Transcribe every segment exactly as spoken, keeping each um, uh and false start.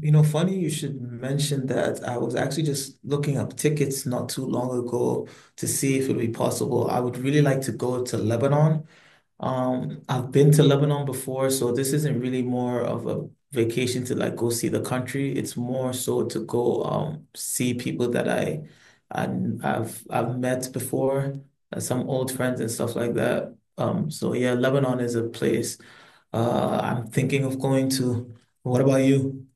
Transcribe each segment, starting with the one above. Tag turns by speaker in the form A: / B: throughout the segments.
A: You know, funny you should mention that. I was actually just looking up tickets not too long ago to see if it would be possible. I would really like to go to Lebanon. Um, I've been to Lebanon before, so this isn't really more of a vacation to like go see the country. It's more so to go um see people that I, I I've I've met before, uh, some old friends and stuff like that. Um, so yeah, Lebanon is a place uh I'm thinking of going to. What about you?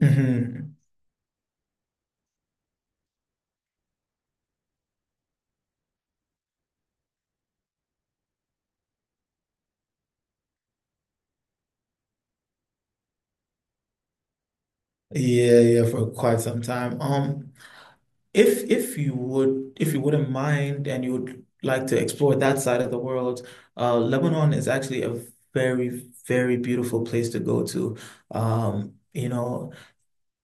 A: Mhm. Yeah, yeah, for quite some time. Um, if if you would, if you wouldn't mind, and you would like to explore that side of the world, uh, Lebanon is actually a very, very beautiful place to go to. Um, you know,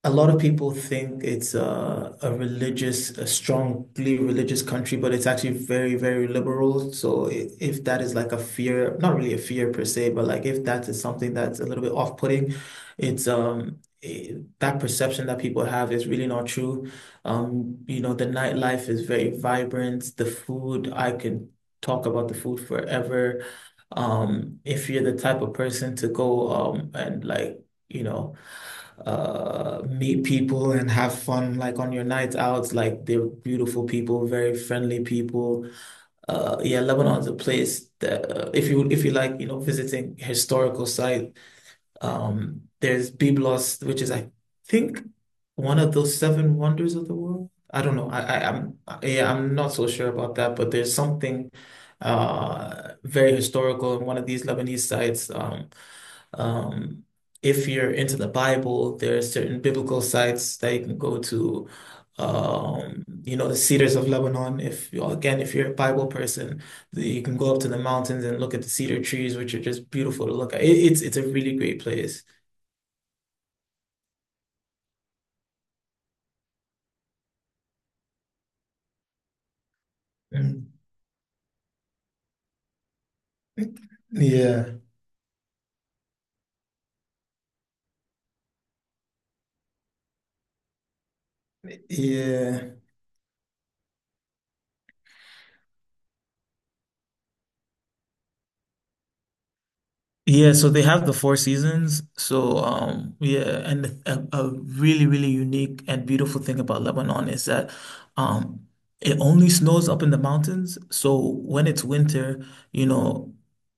A: A lot of people think it's a, a religious, a strongly religious country, but it's actually very, very liberal. So i- if that is like a fear, not really a fear per se, but like if that is something that's a little bit off-putting, it's um I that perception that people have is really not true. Um, you know, the nightlife is very vibrant. The food, I can talk about the food forever. Um, if you're the type of person to go um and like, you know uh meet people and have fun like on your nights out, like they're beautiful people, very friendly people. Uh yeah, Lebanon's a place that, uh, if you if you like you know visiting historical site, um there's Byblos, which is, I think, one of those seven wonders of the world. I don't know. I, I I'm Yeah, I'm not so sure about that, but there's something uh very historical in one of these Lebanese sites. um um, if you're into the Bible, there are certain biblical sites that you can go to. Um, you know, the Cedars of Lebanon. If you, again, if you're a Bible person, the- you can go up to the mountains and look at the cedar trees, which are just beautiful to look at. It, it's it's a really great place. Mm. Yeah, yeah. Yeah, so they have the four seasons. So, um, yeah, and a, a really, really unique and beautiful thing about Lebanon is that, um, it only snows up in the mountains. So when it's winter, you know,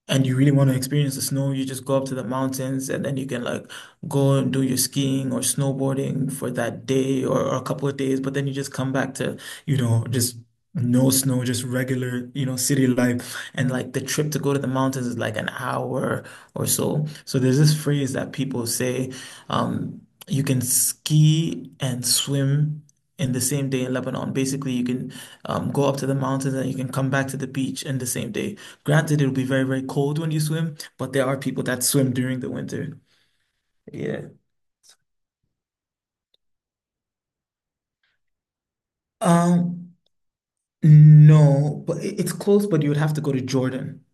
A: and you really want to experience the snow, you just go up to the mountains and then you can like go and do your skiing or snowboarding for that day or, or a couple of days. But then you just come back to, you know, just no snow, just regular, you know, city life. And like the trip to go to the mountains is like an hour or so. So there's this phrase that people say, um, you can ski and swim in the same day in Lebanon. Basically, you can um, go up to the mountains and you can come back to the beach in the same day. Granted, it'll be very, very cold when you swim, but there are people that swim during the winter. Yeah. Um, no, but it- it's close, but you would have to go to Jordan.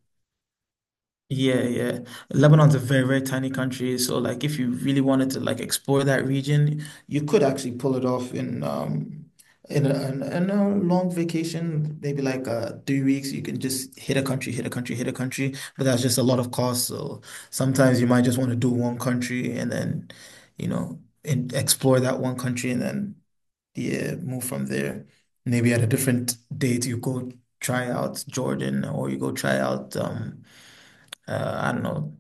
A: Yeah, yeah. Lebanon's a very, very tiny country, so like if you really wanted to like explore that region, you could actually pull it off in um in a, in a in a long vacation, maybe like uh three weeks. You can just hit a country, hit a country, hit a country, but that's just a lot of cost. So sometimes you might just want to do one country and then, you know, and explore that one country and then yeah, move from there. Maybe at a different date you go try out Jordan or you go try out um uh, I don't know,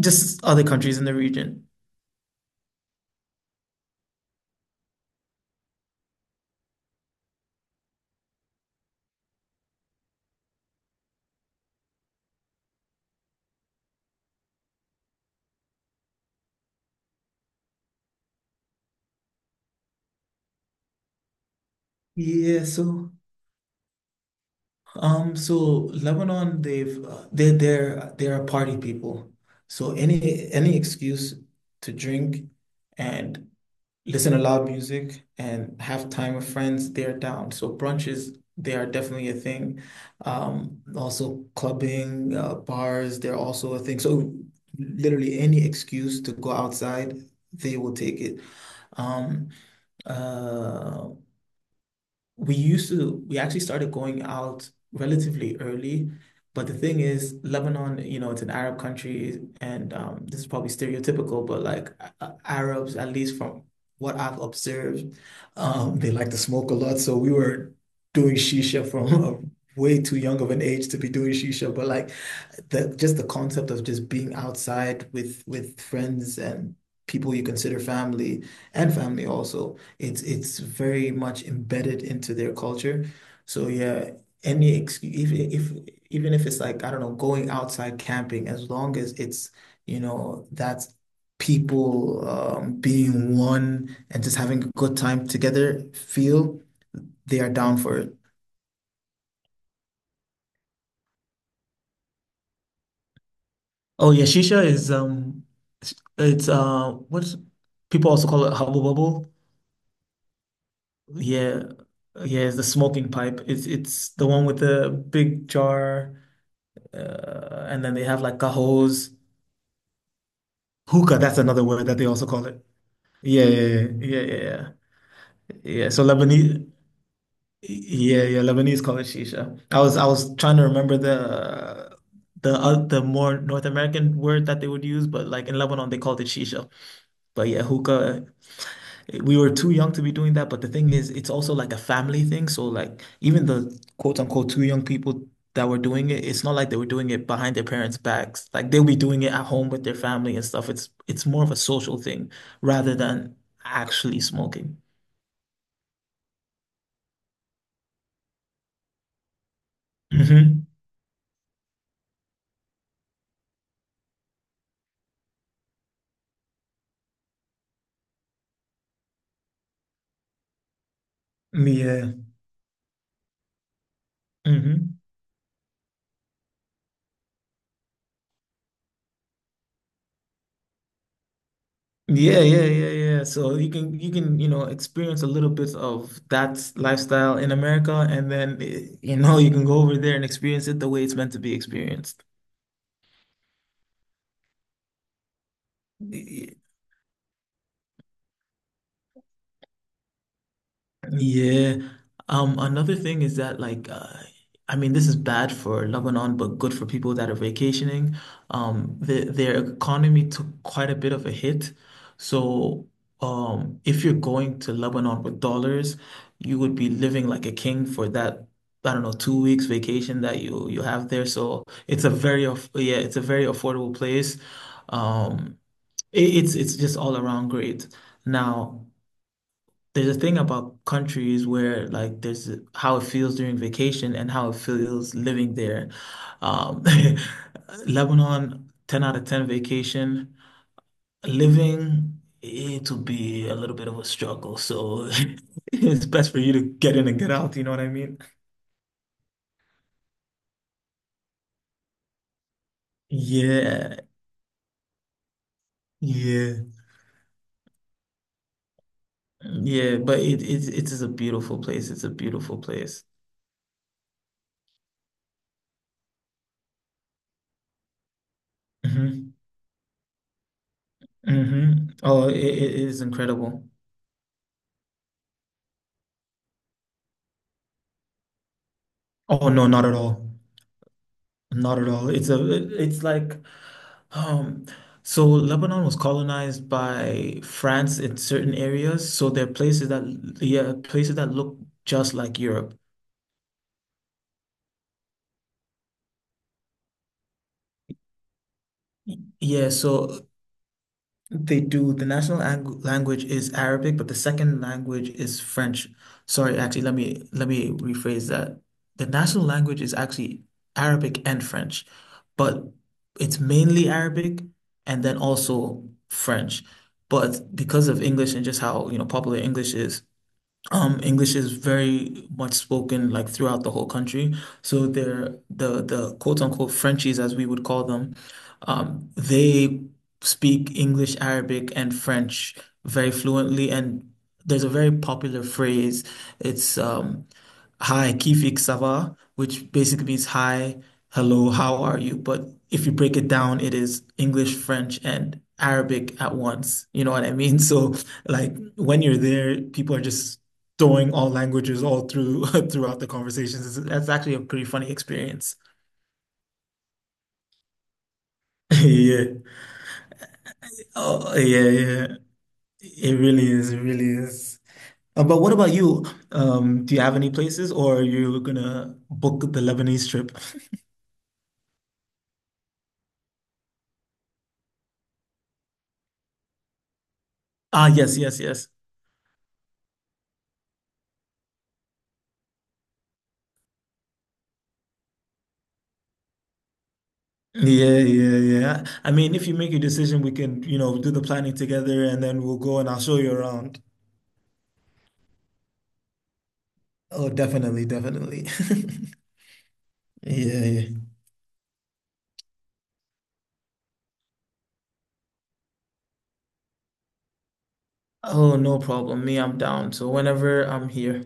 A: just other countries in the region. Yeah, so um, so Lebanon, they've uh, they're they're they're a party people. So any any excuse to drink and listen to loud music and have time with friends, they're down. So brunches, they are definitely a thing. Um, also clubbing, uh, bars, they're also a thing. So literally any excuse to go outside, they will take it. Um, Uh, we used to, we actually started going out relatively early. But the thing is, Lebanon, you know, it's an Arab country, and um, this is probably stereotypical, but like uh, Arabs, at least from what I've observed, um, they like to smoke a lot. So we were doing shisha from a way too young of an age to be doing shisha. But like the just the concept of just being outside with with friends and people you consider family, and family also, it's it's very much embedded into their culture. So yeah, any excuse, even if even if it's like, I don't know, going outside camping, as long as it's, you know, that's people, um, being one and just having a good time together feel, they are down for it. Oh yeah, shisha is, um, it's, uh, what's people also call it, hubble bubble. Yeah, yeah, it's the smoking pipe. It's it's the one with the big jar, uh, and then they have like cajos, hookah. That's another word that they also call it. Yeah, yeah, yeah, yeah, yeah. Yeah, yeah, so Lebanese, yeah, yeah, Lebanese call it shisha. I was I was trying to remember the the uh, the more North American word that they would use, but like in Lebanon they called it shisha. But yeah, hookah, we were too young to be doing that, but the thing is, it's also like a family thing. So like even the quote unquote two young people that were doing it, it's not like they were doing it behind their parents' backs. Like they'll be doing it at home with their family and stuff. It's it's more of a social thing rather than actually smoking. Hmm. Yeah. Hmm. Yeah, yeah, yeah, yeah. So you can you can, you know, experience a little bit of that lifestyle in America, and then eh, you know, you can go over there and experience it the way it's meant to be experienced. Yeah. Um, another thing is that like uh, I mean, this is bad for Lebanon but good for people that are vacationing. Um the, their economy took quite a bit of a hit. So um if you're going to Lebanon with dollars, you would be living like a king for that, I don't know, two weeks vacation that you you have there. So it's a very aff- yeah, it's a very affordable place. Um it, it's it's just all around great. Now there's a- thing about countries where like there's a- how it feels during vacation and how it feels living there. Um, Lebanon, ten out of ten vacation. Living, it'll be a little bit of a struggle. So it's best for you to get in and get out, you know what I mean? Yeah, yeah, yeah. But it it it is a beautiful place. It's a beautiful place. Hmm. Hmm. Oh, it, it it is incredible. Oh no, not at all. Not at all. It's a it- it's like, um so Lebanon was colonized by France in certain areas. So there are places that, yeah, places that look just like Europe. Y- Yeah, so they do. The national lang language is Arabic, but the second language is French. Sorry, actually, let me let me rephrase that. The national language is actually Arabic and French, but it's mainly Arabic and then also French. But because of English and just how you know, popular English is, um, English is very much spoken like throughout the whole country. So they're the the quote unquote Frenchies, as we would call them. Um, they speak English, Arabic, and French very fluently. And there's a very popular phrase. It's, um, "Hi, kifik sava," which basically means, "Hi, hello, how are you?" But if you break it down, it is English, French, and Arabic at once. You know what I mean? So like when you're there, people are just throwing all languages all through throughout the conversations. It's- That's actually a pretty funny experience. Yeah. Oh, yeah, yeah. It really is. It really is. Uh, but what about you? Um, do you have any places, or are you gonna book the Lebanese trip? Ah, yes, yes, yes. Yeah, yeah, yeah. I mean, if you make your decision, we can, you know, do the planning together and then we'll go and I'll show you around. Oh, definitely, definitely. Yeah, yeah. Oh, no problem. Me, I'm down. So whenever I'm here.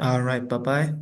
A: All right. Bye bye.